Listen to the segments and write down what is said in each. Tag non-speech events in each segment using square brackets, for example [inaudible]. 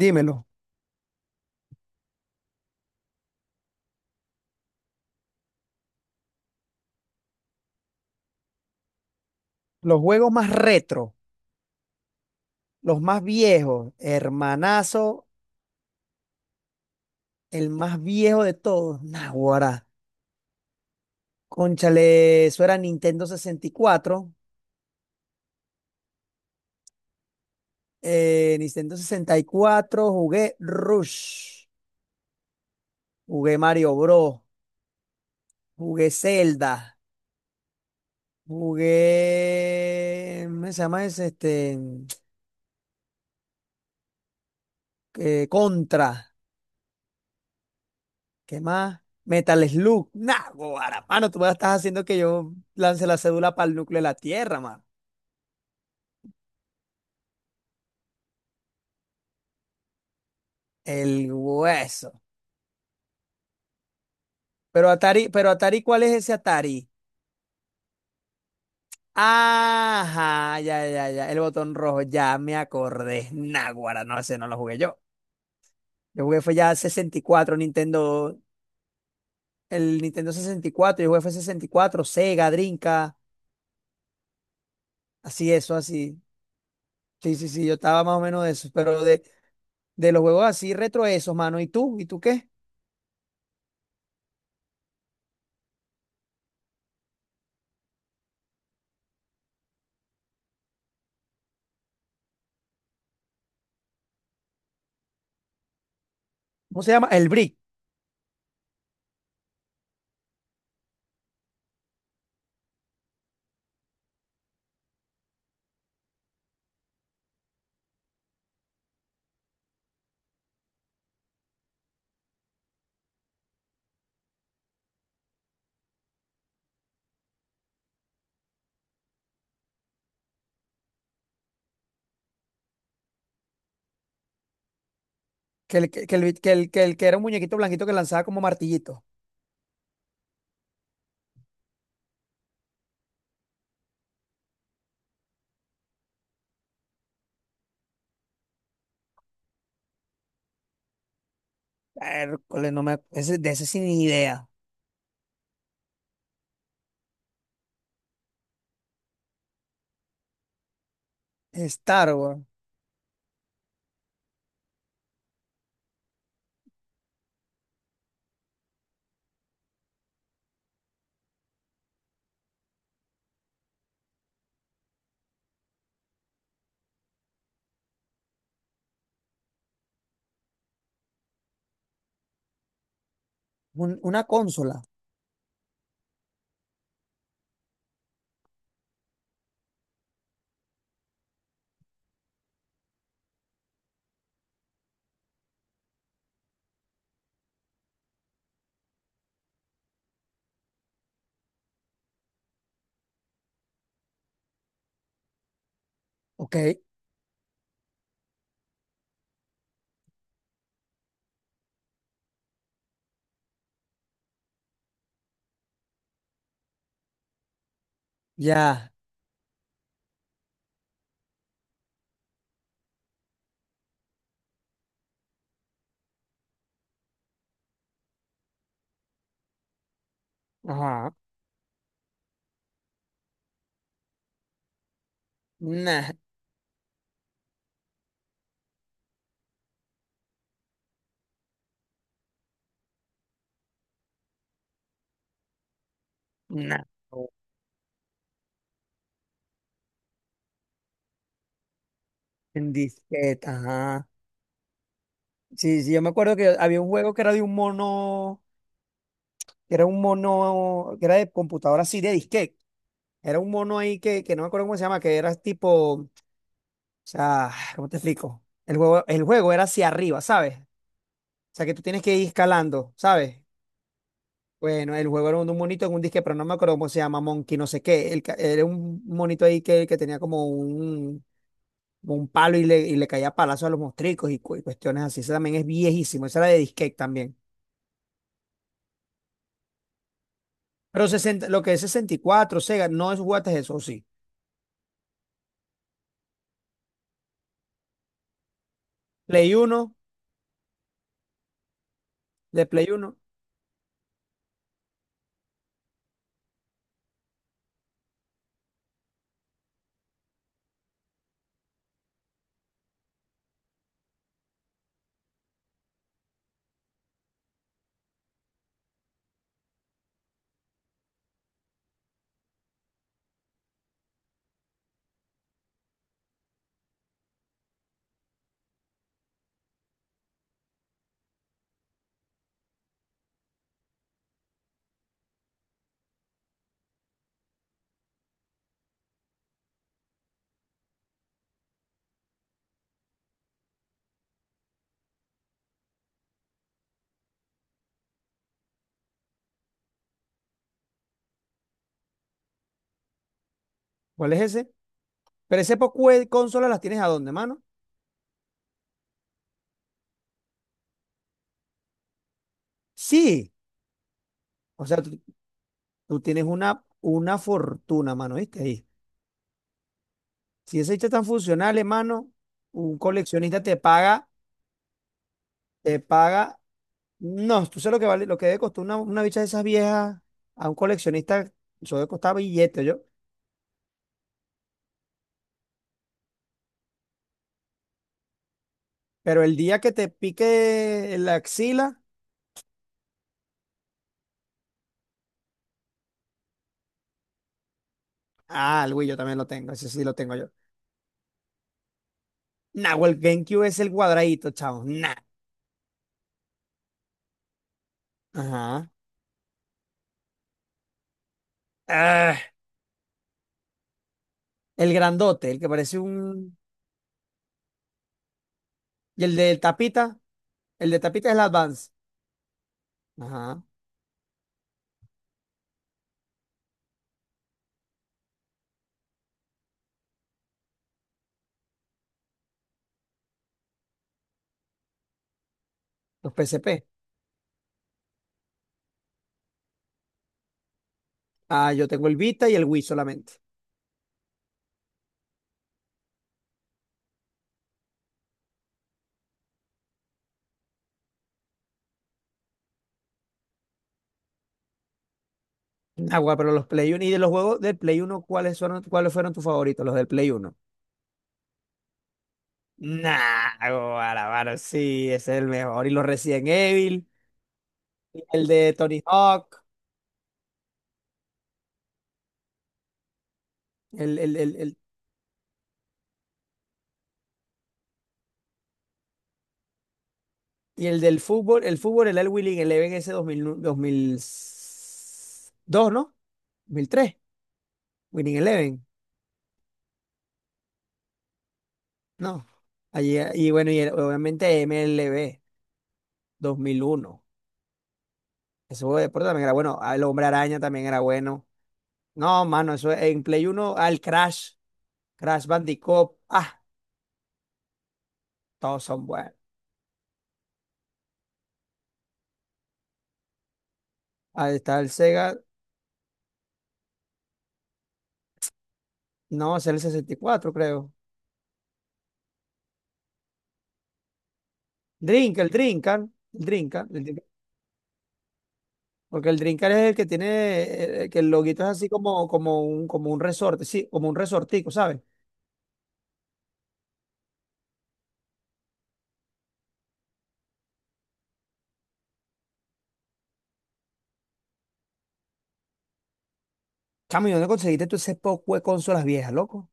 Dímelo, los juegos más retro, los más viejos, hermanazo, el más viejo de todos, Naguará. Cónchale, eso era Nintendo 64. Nintendo sesenta y cuatro jugué Rush, jugué Mario Bros, jugué Zelda, jugué. ¿Cómo se llama ese? Este, Contra, ¿qué más? Metal Slug, Naguará. Mano, tú me estás haciendo que yo lance la cédula para el núcleo de la Tierra. El hueso. Pero Atari, ¿cuál es ese Atari? Ajá, ya, ya, ya. El botón rojo, ya me acordé. Náguara, no, ese no lo jugué yo. Yo jugué fue ya sesenta y cuatro Nintendo, el Nintendo 64, yo jugué fue sesenta y cuatro, Sega, Drinka, así eso, así. Sí, sí, sí, yo estaba más o menos de eso. Pero de los juegos así retro esos, mano. ¿Y tú? ¿Y tú qué? ¿Cómo se llama? El Brick, que el, que el, que el que era un muñequito blanquito que lanzaba como martillito. Hércules, no me, de ese sin idea. Star Wars, una consola, ok, ya, ajá, nah, nah, en disquete, ajá. Sí, sí, yo me acuerdo que había un juego que era de un mono, que era un mono, que era de computadora así, de disquete. Era un mono ahí que no me acuerdo cómo se llama, que era tipo, o sea, ¿cómo te explico? El juego era hacia arriba, ¿sabes? O sea, que tú tienes que ir escalando, ¿sabes? Bueno, el juego era un monito en un disque, pero no me acuerdo cómo se llama, Monkey, no sé qué. Era un monito ahí que tenía como un palo y le caía palazo a los mostricos y cuestiones así. Ese también es viejísimo, esa era de disquete también. Pero 60, lo que es sesenta y cuatro, Sega, no es jugaste eso, sí. Play uno, de Play uno, ¿cuál es ese? ¿Pero ese poco de consolas las tienes a dónde, mano? Sí, o sea, tú tienes una fortuna, mano, ¿viste? Ahí. Si ese hecho tan funcional, hermano, un coleccionista te paga. Te paga. No, tú sabes lo que vale, lo que debe costar una bicha de esas viejas a un coleccionista, eso debe costar billete, yo. Pero el día que te pique la axila, ah, el Wii yo también lo tengo, ese sí lo tengo yo. Nah, o el GameCube es el cuadradito, chavo. Nah. Ajá. Ah, el grandote, el que parece un. Y el de tapita es el Advance. Ajá. Los PSP. Ah, yo tengo el Vita y el Wii solamente. Agua, pero los Play 1 y de los juegos del Play uno, ¿cuáles fueron tus favoritos? Los del Play uno. Nah, guara, mano, sí, ese es el mejor. Y los Resident Evil, y el de Tony Hawk, el, el, el, el- y el del fútbol, el Winning Eleven ese dos, dos mil, dos mil dos, ¿no? Dos mil tres, Winning Eleven, no. Allí, y bueno, obviamente MLB 2001. Ese juego de deporte también era bueno. El Hombre Araña también era bueno. No, mano, en Play Uno, al Crash, Crash Bandicoot, todos son buenos. Ahí está el Sega. No, es el 64, creo. El Drinker, el Drinker. Porque el Drinker es el que tiene, que el loguito es así como, como un resorte, sí, como un resortico, ¿sabes? Chamo, ¿y dónde conseguiste tú ese poco de consolas viejas, loco?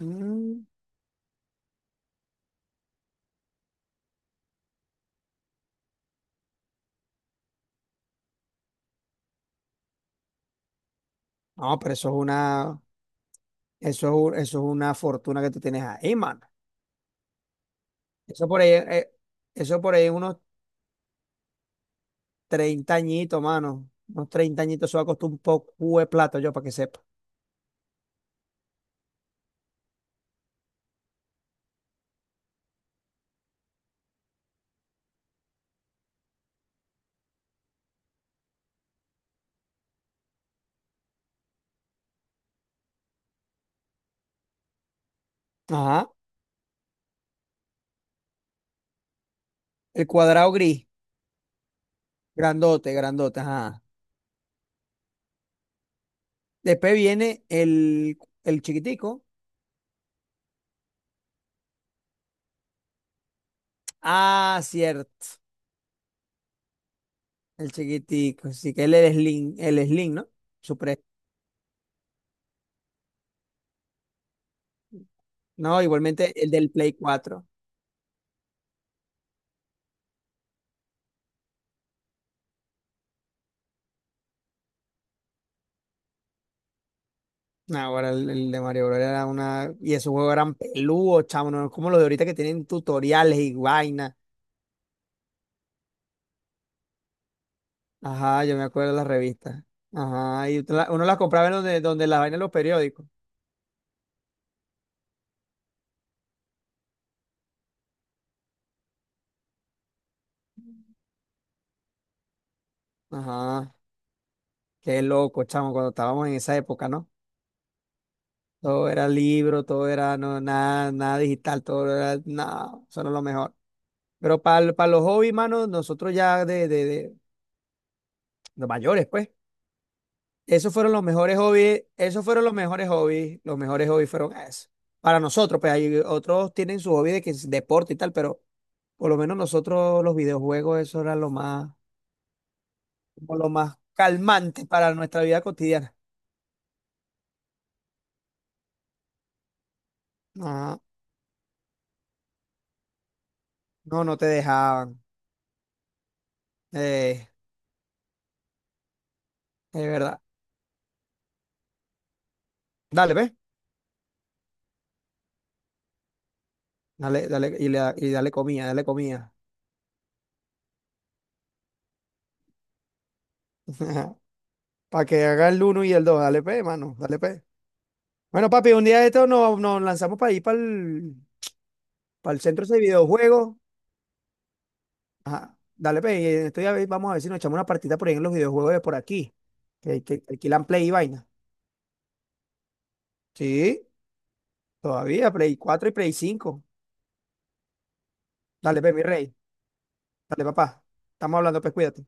Mm. No, pero eso es una fortuna que tú tienes ahí, mano. Eso por ahí, eh, eso por ahí unos 30 añitos, mano. Unos 30 añitos, eso va a costar un poco de plata, yo, para que sepa. Ajá, el cuadrado gris, grandote, grandote, ajá. Después viene el chiquitico. Ah, cierto. El chiquitico. Sí, que él es Slim, el Slim, ¿no? Supre. No, igualmente el del Play 4. No, ahora el de Mario Bros. Era una. Y esos juegos eran peludos, chamo. No es como los de ahorita que tienen tutoriales y vaina. Ajá, yo me acuerdo de las revistas. Ajá, y tú uno las compraba en donde, las vainas de los periódicos. Ajá, qué loco, chamo, cuando estábamos en esa época, ¿no? Todo era libro, todo era no, nada, nada digital, todo era nada, eso no es lo mejor. Pero para los hobbies, mano, nosotros ya de los mayores, pues, esos fueron los mejores hobbies, esos fueron los mejores hobbies fueron eso. Para nosotros, pues hay otros tienen su hobby de que es deporte y tal, pero por lo menos nosotros los videojuegos, eso era lo más, como lo más calmante para nuestra vida cotidiana. No, no, no te dejaban, eh, es verdad. Dale, ve. Dale, dale, y dale comida, dale comida. [laughs] Para que haga el uno y el dos, dale pe, mano, dale pe. Bueno, papi, un día de esto nos lanzamos para ir para el centro ese de videojuegos. Ajá, dale pe, y estoy a ver, vamos a ver si nos echamos una partida por ahí en los videojuegos de por aquí, que alquilan Play y vaina. Sí, todavía, Play 4 y Play 5. Dale pe, mi rey, dale papá. Estamos hablando, pues cuídate.